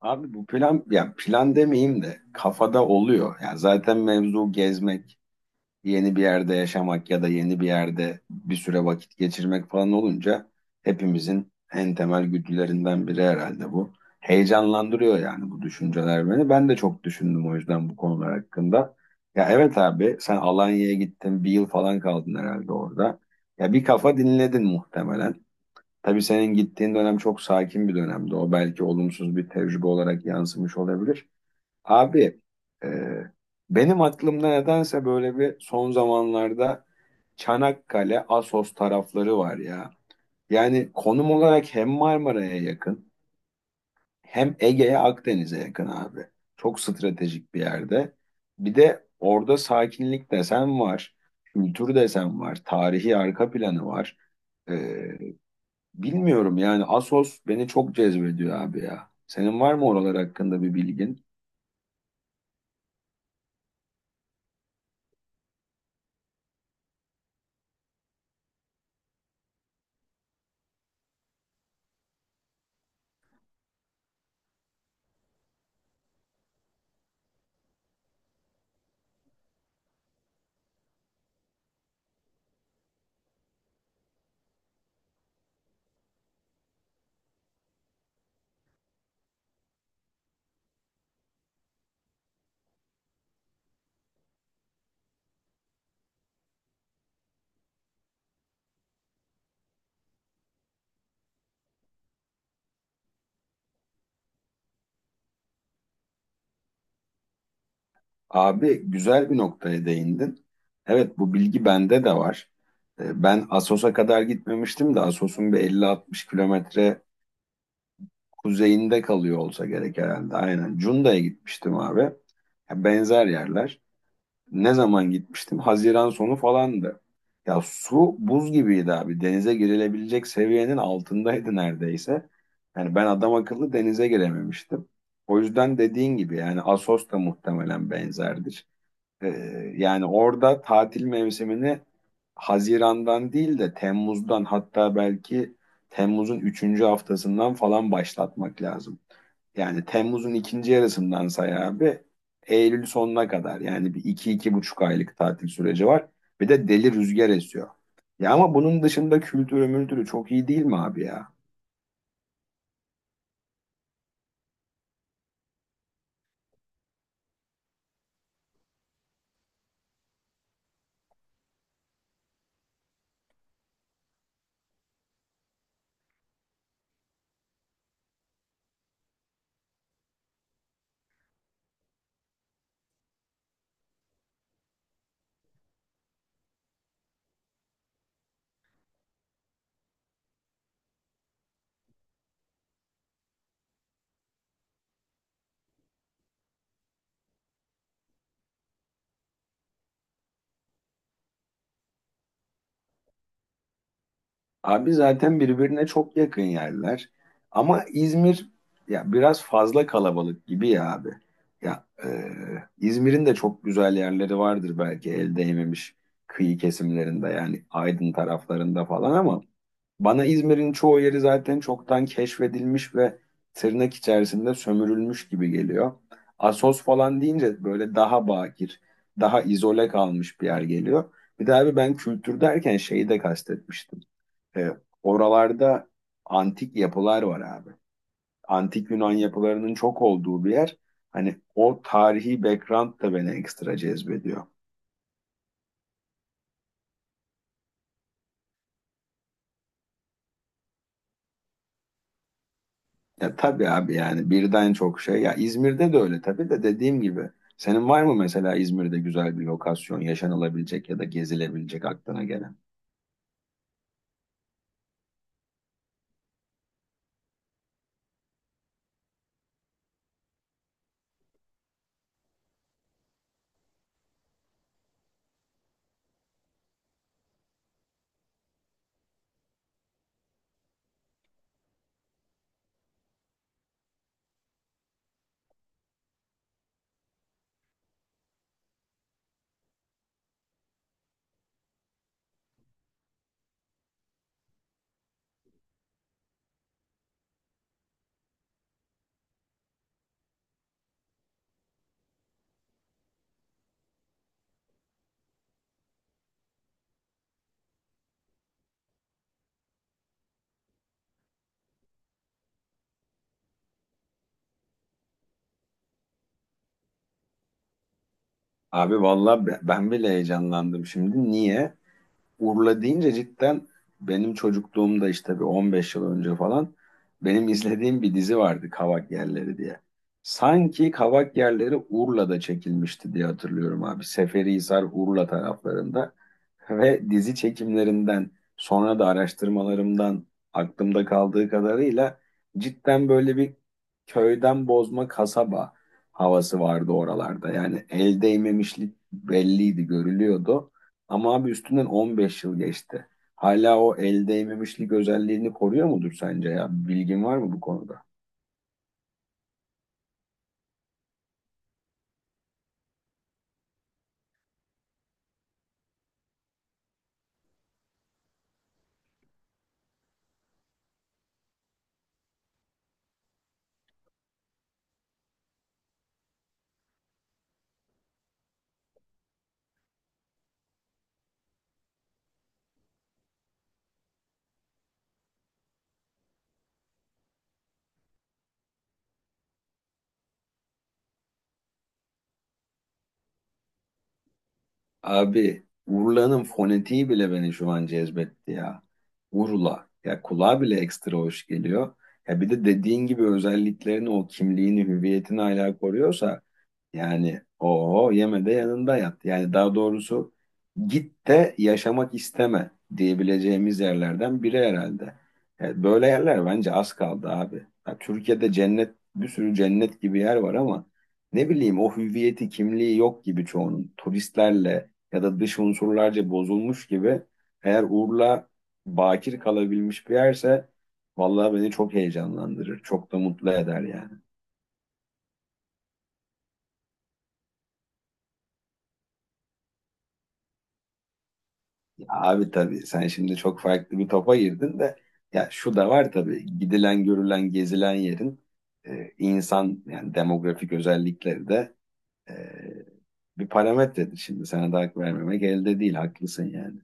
Abi bu plan, ya plan demeyeyim de kafada oluyor. Yani zaten mevzu gezmek, yeni bir yerde yaşamak ya da yeni bir yerde bir süre vakit geçirmek falan olunca hepimizin en temel güdülerinden biri herhalde bu. Heyecanlandırıyor yani bu düşünceler beni. Ben de çok düşündüm o yüzden bu konular hakkında. Ya evet abi, sen Alanya'ya gittin bir yıl falan kaldın herhalde orada. Ya bir kafa dinledin muhtemelen. Tabii senin gittiğin dönem çok sakin bir dönemdi. O belki olumsuz bir tecrübe olarak yansımış olabilir. Abi e, benim aklımda nedense böyle bir son zamanlarda Çanakkale, Assos tarafları var ya. Yani konum olarak hem Marmara'ya yakın, hem Ege'ye, Akdeniz'e yakın abi. Çok stratejik bir yerde. Bir de orada sakinlik desen var, kültür desen var, tarihi arka planı var. E, Bilmiyorum yani, Asos beni çok cezbediyor abi ya. Senin var mı oralar hakkında bir bilgin? Abi güzel bir noktaya değindin. Evet, bu bilgi bende de var. Ben Assos'a kadar gitmemiştim de Assos'un bir 50-60 kilometre kuzeyinde kalıyor olsa gerek herhalde. Aynen Cunda'ya gitmiştim abi. Ya, benzer yerler. Ne zaman gitmiştim? Haziran sonu falandı. Ya su buz gibiydi abi. Denize girilebilecek seviyenin altındaydı neredeyse. Yani ben adam akıllı denize girememiştim. O yüzden dediğin gibi yani Assos da muhtemelen benzerdir. Ee, Yani orada tatil mevsimini Haziran'dan değil de Temmuz'dan, hatta belki Temmuz'un üçüncü haftasından falan başlatmak lazım. Yani Temmuz'un ikinci yarısından say abi. Eylül sonuna kadar yani bir iki, iki buçuk aylık tatil süreci var. Bir de deli rüzgar esiyor. Ya ama bunun dışında kültürü mültürü çok iyi değil mi abi ya? Abi zaten birbirine çok yakın yerler. Ama İzmir ya biraz fazla kalabalık gibi ya abi. Ya İzmir'in de çok güzel yerleri vardır belki, el değmemiş kıyı kesimlerinde, yani Aydın taraflarında falan, ama bana İzmir'in çoğu yeri zaten çoktan keşfedilmiş ve tırnak içerisinde sömürülmüş gibi geliyor. Assos falan deyince böyle daha bakir, daha izole kalmış bir yer geliyor. Bir de abi ben kültür derken şeyi de kastetmiştim. E, Oralarda antik yapılar var abi. Antik Yunan yapılarının çok olduğu bir yer. Hani o tarihi background da beni ekstra cezbediyor. Ya tabii abi, yani birden çok şey. Ya İzmir'de de öyle tabii de, dediğim gibi. Senin var mı mesela İzmir'de güzel bir lokasyon, yaşanılabilecek ya da gezilebilecek aklına gelen? Abi vallahi ben bile heyecanlandım şimdi. Niye? Urla deyince cidden benim çocukluğumda işte bir 15 yıl önce falan benim izlediğim bir dizi vardı, Kavak Yerleri diye. Sanki Kavak Yerleri Urla'da çekilmişti diye hatırlıyorum abi. Seferihisar Urla taraflarında ve dizi çekimlerinden sonra da araştırmalarımdan aklımda kaldığı kadarıyla cidden böyle bir köyden bozma kasaba havası vardı oralarda. Yani el değmemişlik belliydi, görülüyordu. Ama abi üstünden 15 yıl geçti. Hala o el değmemişlik özelliğini koruyor mudur sence ya? Bilgin var mı bu konuda? Abi Urla'nın fonetiği bile beni şu an cezbetti ya. Urla. Ya kulağa bile ekstra hoş geliyor. Ya bir de dediğin gibi özelliklerini, o kimliğini, hüviyetini hala koruyorsa, yani o yeme de yanında yat. Yani daha doğrusu git de yaşamak isteme diyebileceğimiz yerlerden biri herhalde. Evet, böyle yerler bence az kaldı abi. Ya Türkiye'de cennet, bir sürü cennet gibi yer var ama ne bileyim, o hüviyeti kimliği yok gibi çoğunun. Turistlerle ya da dış unsurlarca bozulmuş gibi. Eğer Urla bakir kalabilmiş bir yerse vallahi beni çok heyecanlandırır. Çok da mutlu eder yani. Abi tabii sen şimdi çok farklı bir topa girdin de, ya şu da var tabii, gidilen görülen gezilen yerin insan yani demografik özellikleri de e, bir parametredir. Şimdi sana da hak vermemek elde değil, haklısın yani.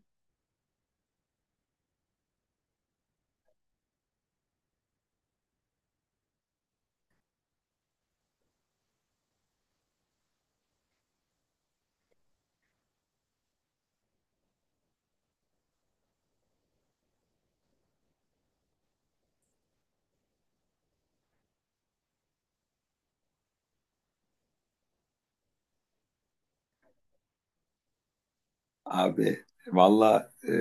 Abi valla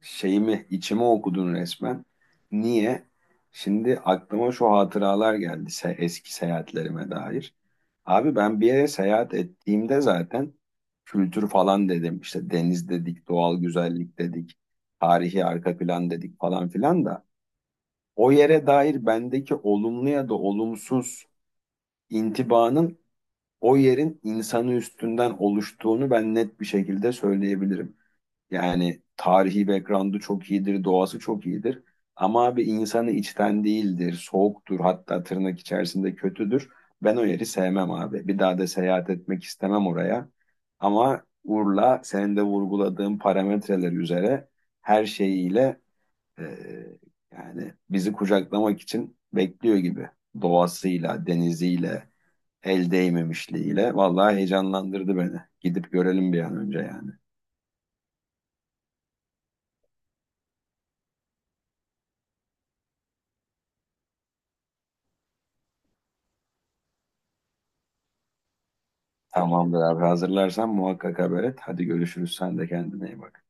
şeyimi, içimi okudun resmen. Niye? Şimdi aklıma şu hatıralar geldi se eski seyahatlerime dair. Abi ben bir yere seyahat ettiğimde zaten kültür falan dedim. İşte deniz dedik, doğal güzellik dedik, tarihi arka plan dedik falan filan da. O yere dair bendeki olumlu ya da olumsuz intibanın o yerin insanı üstünden oluştuğunu ben net bir şekilde söyleyebilirim. Yani tarihi background'u çok iyidir, doğası çok iyidir. Ama abi insanı içten değildir, soğuktur, hatta tırnak içerisinde kötüdür. Ben o yeri sevmem abi. Bir daha da seyahat etmek istemem oraya. Ama Urla senin de vurguladığın parametreler üzere her şeyiyle e, yani bizi kucaklamak için bekliyor gibi. Doğasıyla, deniziyle, el değmemişliğiyle. Vallahi heyecanlandırdı beni. Gidip görelim bir an önce yani. Tamamdır abi, hazırlarsan muhakkak haber et. Hadi görüşürüz, sen de kendine iyi bak.